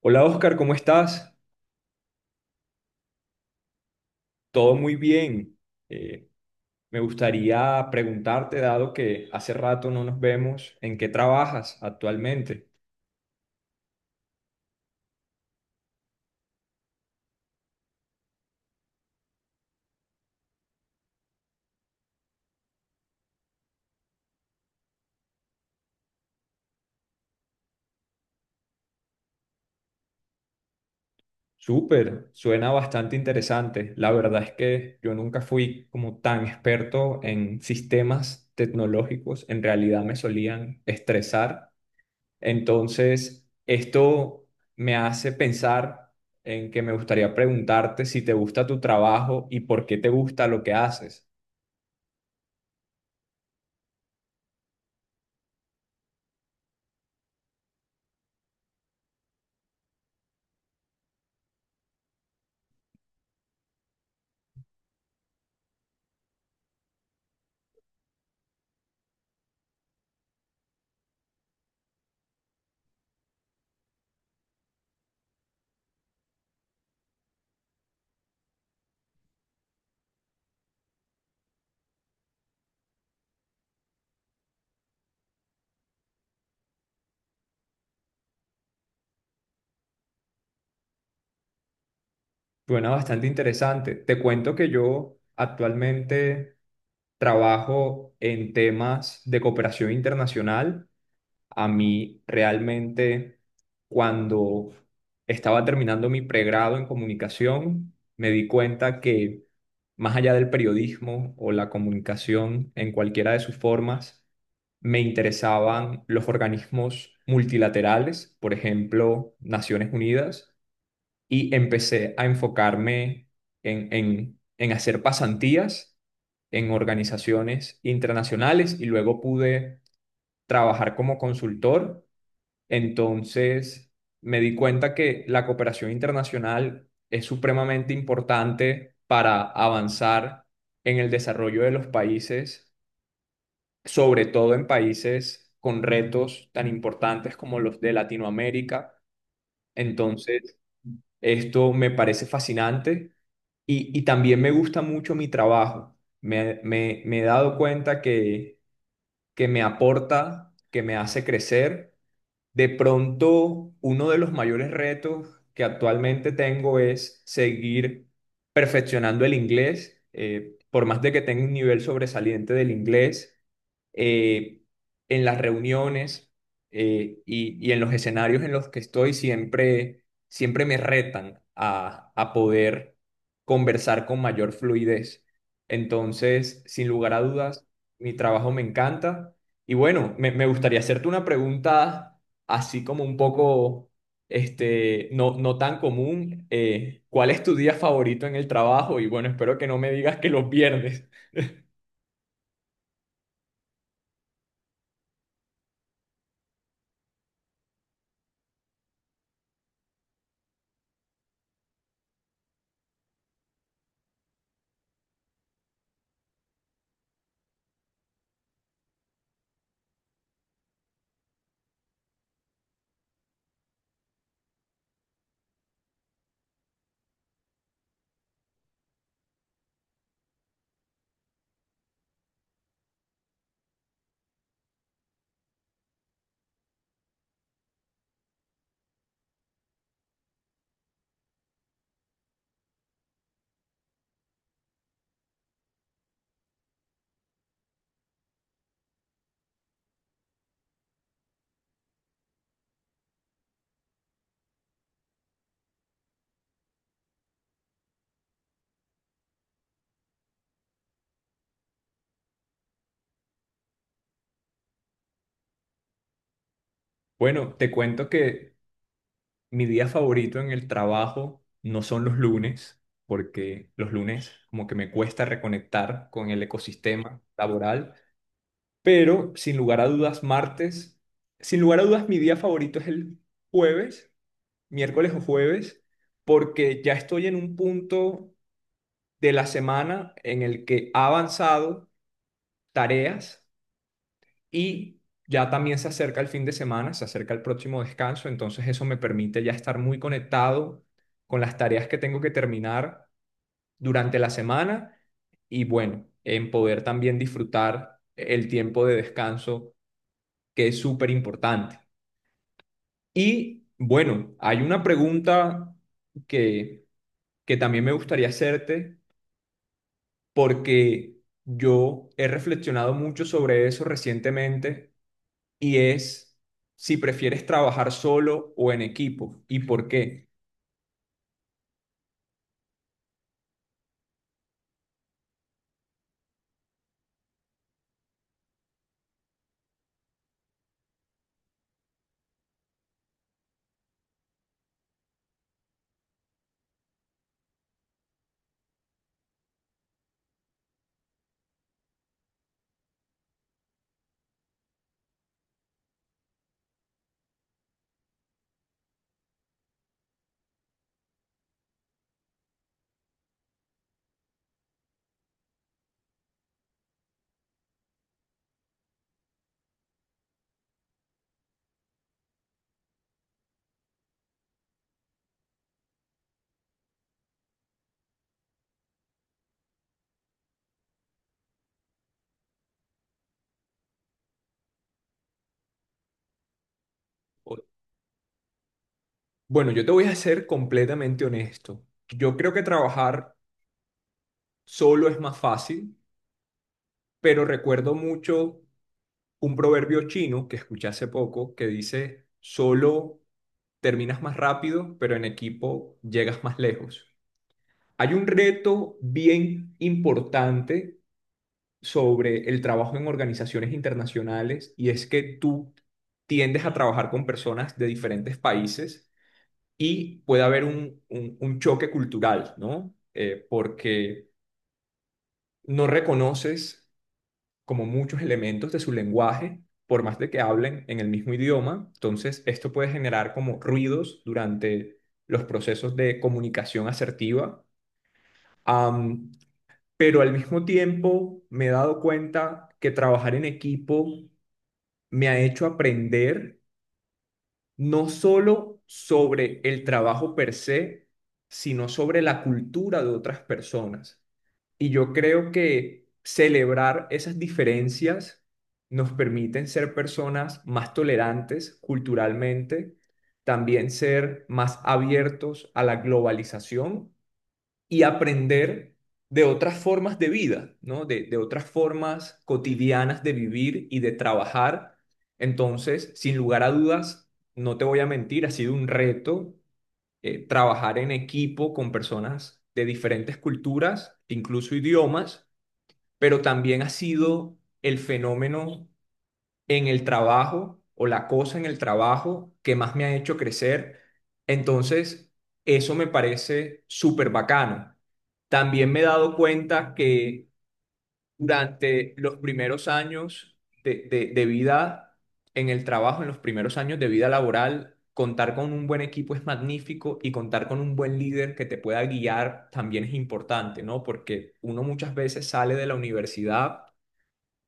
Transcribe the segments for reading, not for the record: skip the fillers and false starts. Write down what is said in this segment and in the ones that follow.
Hola Oscar, ¿cómo estás? Todo muy bien. Eh, me gustaría preguntarte, dado que hace rato no nos vemos, ¿en qué trabajas actualmente? Súper, suena bastante interesante. La verdad es que yo nunca fui como tan experto en sistemas tecnológicos. En realidad me solían estresar. Entonces, esto me hace pensar en que me gustaría preguntarte si te gusta tu trabajo y por qué te gusta lo que haces. Bueno, bastante interesante. Te cuento que yo actualmente trabajo en temas de cooperación internacional. A mí realmente, cuando estaba terminando mi pregrado en comunicación, me di cuenta que más allá del periodismo o la comunicación en cualquiera de sus formas, me interesaban los organismos multilaterales, por ejemplo, Naciones Unidas, y empecé a enfocarme en hacer pasantías en organizaciones internacionales y luego pude trabajar como consultor. Entonces me di cuenta que la cooperación internacional es supremamente importante para avanzar en el desarrollo de los países, sobre todo en países con retos tan importantes como los de Latinoamérica. Entonces, esto me parece fascinante. Y también me gusta mucho mi trabajo. Me he dado cuenta que me aporta, que me hace crecer. De pronto, uno de los mayores retos que actualmente tengo es seguir perfeccionando el inglés. Por más de que tenga un nivel sobresaliente del inglés, eh, en las reuniones y en los escenarios en los que estoy, siempre, siempre me retan a poder conversar con mayor fluidez. Entonces, sin lugar a dudas, mi trabajo me encanta. Y bueno, me gustaría hacerte una pregunta así como un poco, no tan común. ¿Cuál es tu día favorito en el trabajo? Y bueno, espero que no me digas que los viernes. Bueno, te cuento que mi día favorito en el trabajo no son los lunes, porque los lunes como que me cuesta reconectar con el ecosistema laboral, pero sin lugar a dudas, martes, sin lugar a dudas, mi día favorito es el jueves, miércoles o jueves, porque ya estoy en un punto de la semana en el que ha avanzado tareas y ya también se acerca el fin de semana, se acerca el próximo descanso, entonces eso me permite ya estar muy conectado con las tareas que tengo que terminar durante la semana y bueno, en poder también disfrutar el tiempo de descanso que es súper importante. Y bueno, hay una pregunta que, que también me gustaría hacerte porque yo he reflexionado mucho sobre eso recientemente y es si prefieres trabajar solo o en equipo y por qué. O- Bueno, yo te voy a ser completamente honesto. Yo creo que trabajar solo es más fácil, pero recuerdo mucho un proverbio chino que escuché hace poco que dice, solo terminas más rápido, pero en equipo llegas más lejos. Hay un reto bien importante sobre el trabajo en organizaciones internacionales y es que tú tiendes a trabajar con personas de diferentes países y puede haber un choque cultural, ¿no? Porque no reconoces como muchos elementos de su lenguaje, por más de que hablen en el mismo idioma. Entonces, esto puede generar como ruidos durante los procesos de comunicación asertiva. Am, pero al mismo tiempo me he dado cuenta que trabajar en equipo me ha hecho aprender no solo sobre el trabajo per se, sino sobre la cultura de otras personas. Y yo creo que celebrar esas diferencias nos permiten ser personas más tolerantes culturalmente, también ser más abiertos a la globalización y aprender de otras formas de vida, ¿no? De otras formas cotidianas de vivir y de trabajar. Entonces, sin lugar a dudas, no te voy a mentir, ha sido un reto, trabajar en equipo con personas de diferentes culturas, incluso idiomas, pero también ha sido el fenómeno en el trabajo o la cosa en el trabajo que más me ha hecho crecer. Entonces, eso me parece súper bacano. También me he dado cuenta que durante los primeros años de vida en el trabajo, en los primeros años de vida laboral, contar con un buen equipo es magnífico y contar con un buen líder que te pueda guiar también es importante, ¿no? Porque uno muchas veces sale de la universidad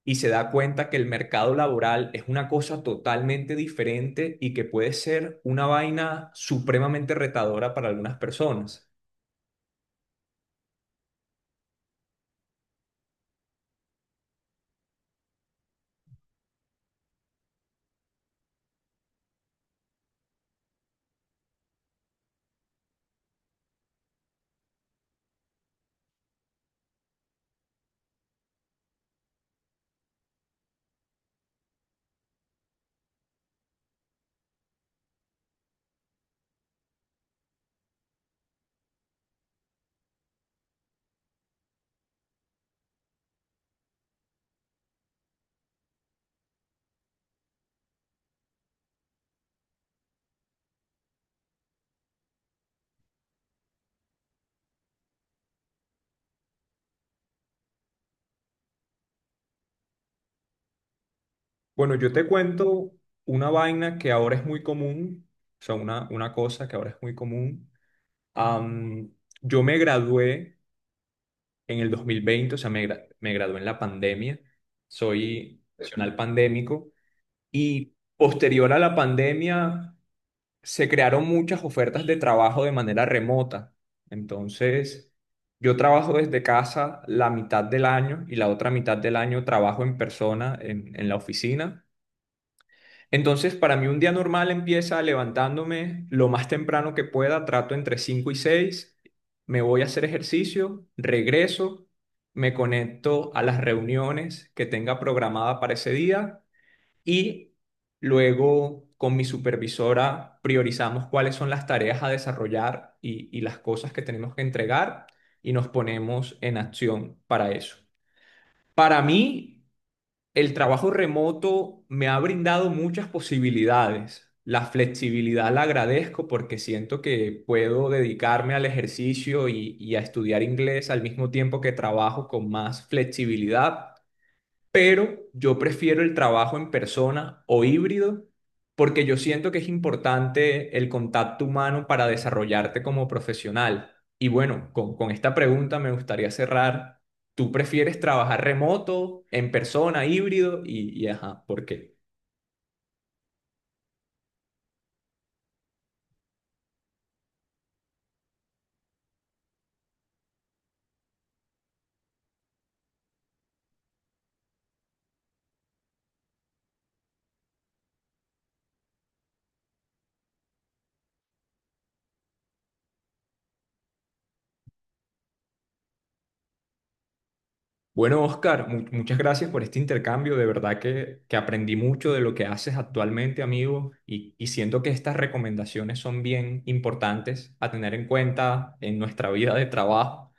y se da cuenta que el mercado laboral es una cosa totalmente diferente y que puede ser una vaina supremamente retadora para algunas personas. Bueno, yo te cuento una vaina que ahora es muy común, o sea, una cosa que ahora es muy común. Am, yo me gradué en el 2020, o sea, me gradué en la pandemia, soy profesional pandémico y posterior a la pandemia se crearon muchas ofertas de trabajo de manera remota. Entonces, yo trabajo desde casa la mitad del año y la otra mitad del año trabajo en persona en la oficina. Entonces, para mí un día normal empieza levantándome lo más temprano que pueda, trato entre 5 y seis, me voy a hacer ejercicio, regreso, me conecto a las reuniones que tenga programada para ese día y luego con mi supervisora priorizamos cuáles son las tareas a desarrollar y las cosas que tenemos que entregar y nos ponemos en acción para eso. Para mí, el trabajo remoto me ha brindado muchas posibilidades. La flexibilidad la agradezco porque siento que puedo dedicarme al ejercicio y a estudiar inglés al mismo tiempo que trabajo con más flexibilidad, pero yo prefiero el trabajo en persona o híbrido porque yo siento que es importante el contacto humano para desarrollarte como profesional. Y bueno, con esta pregunta me gustaría cerrar. ¿Tú prefieres trabajar remoto, en persona, híbrido? Y ajá, ¿por qué? Bueno, Oscar, muchas gracias por este intercambio. De verdad que aprendí mucho de lo que haces actualmente, amigo, y siento que estas recomendaciones son bien importantes a tener en cuenta en nuestra vida de trabajo.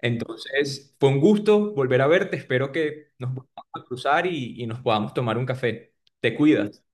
Entonces, fue un gusto volver a verte. Espero que nos podamos cruzar y nos podamos tomar un café. Te cuidas.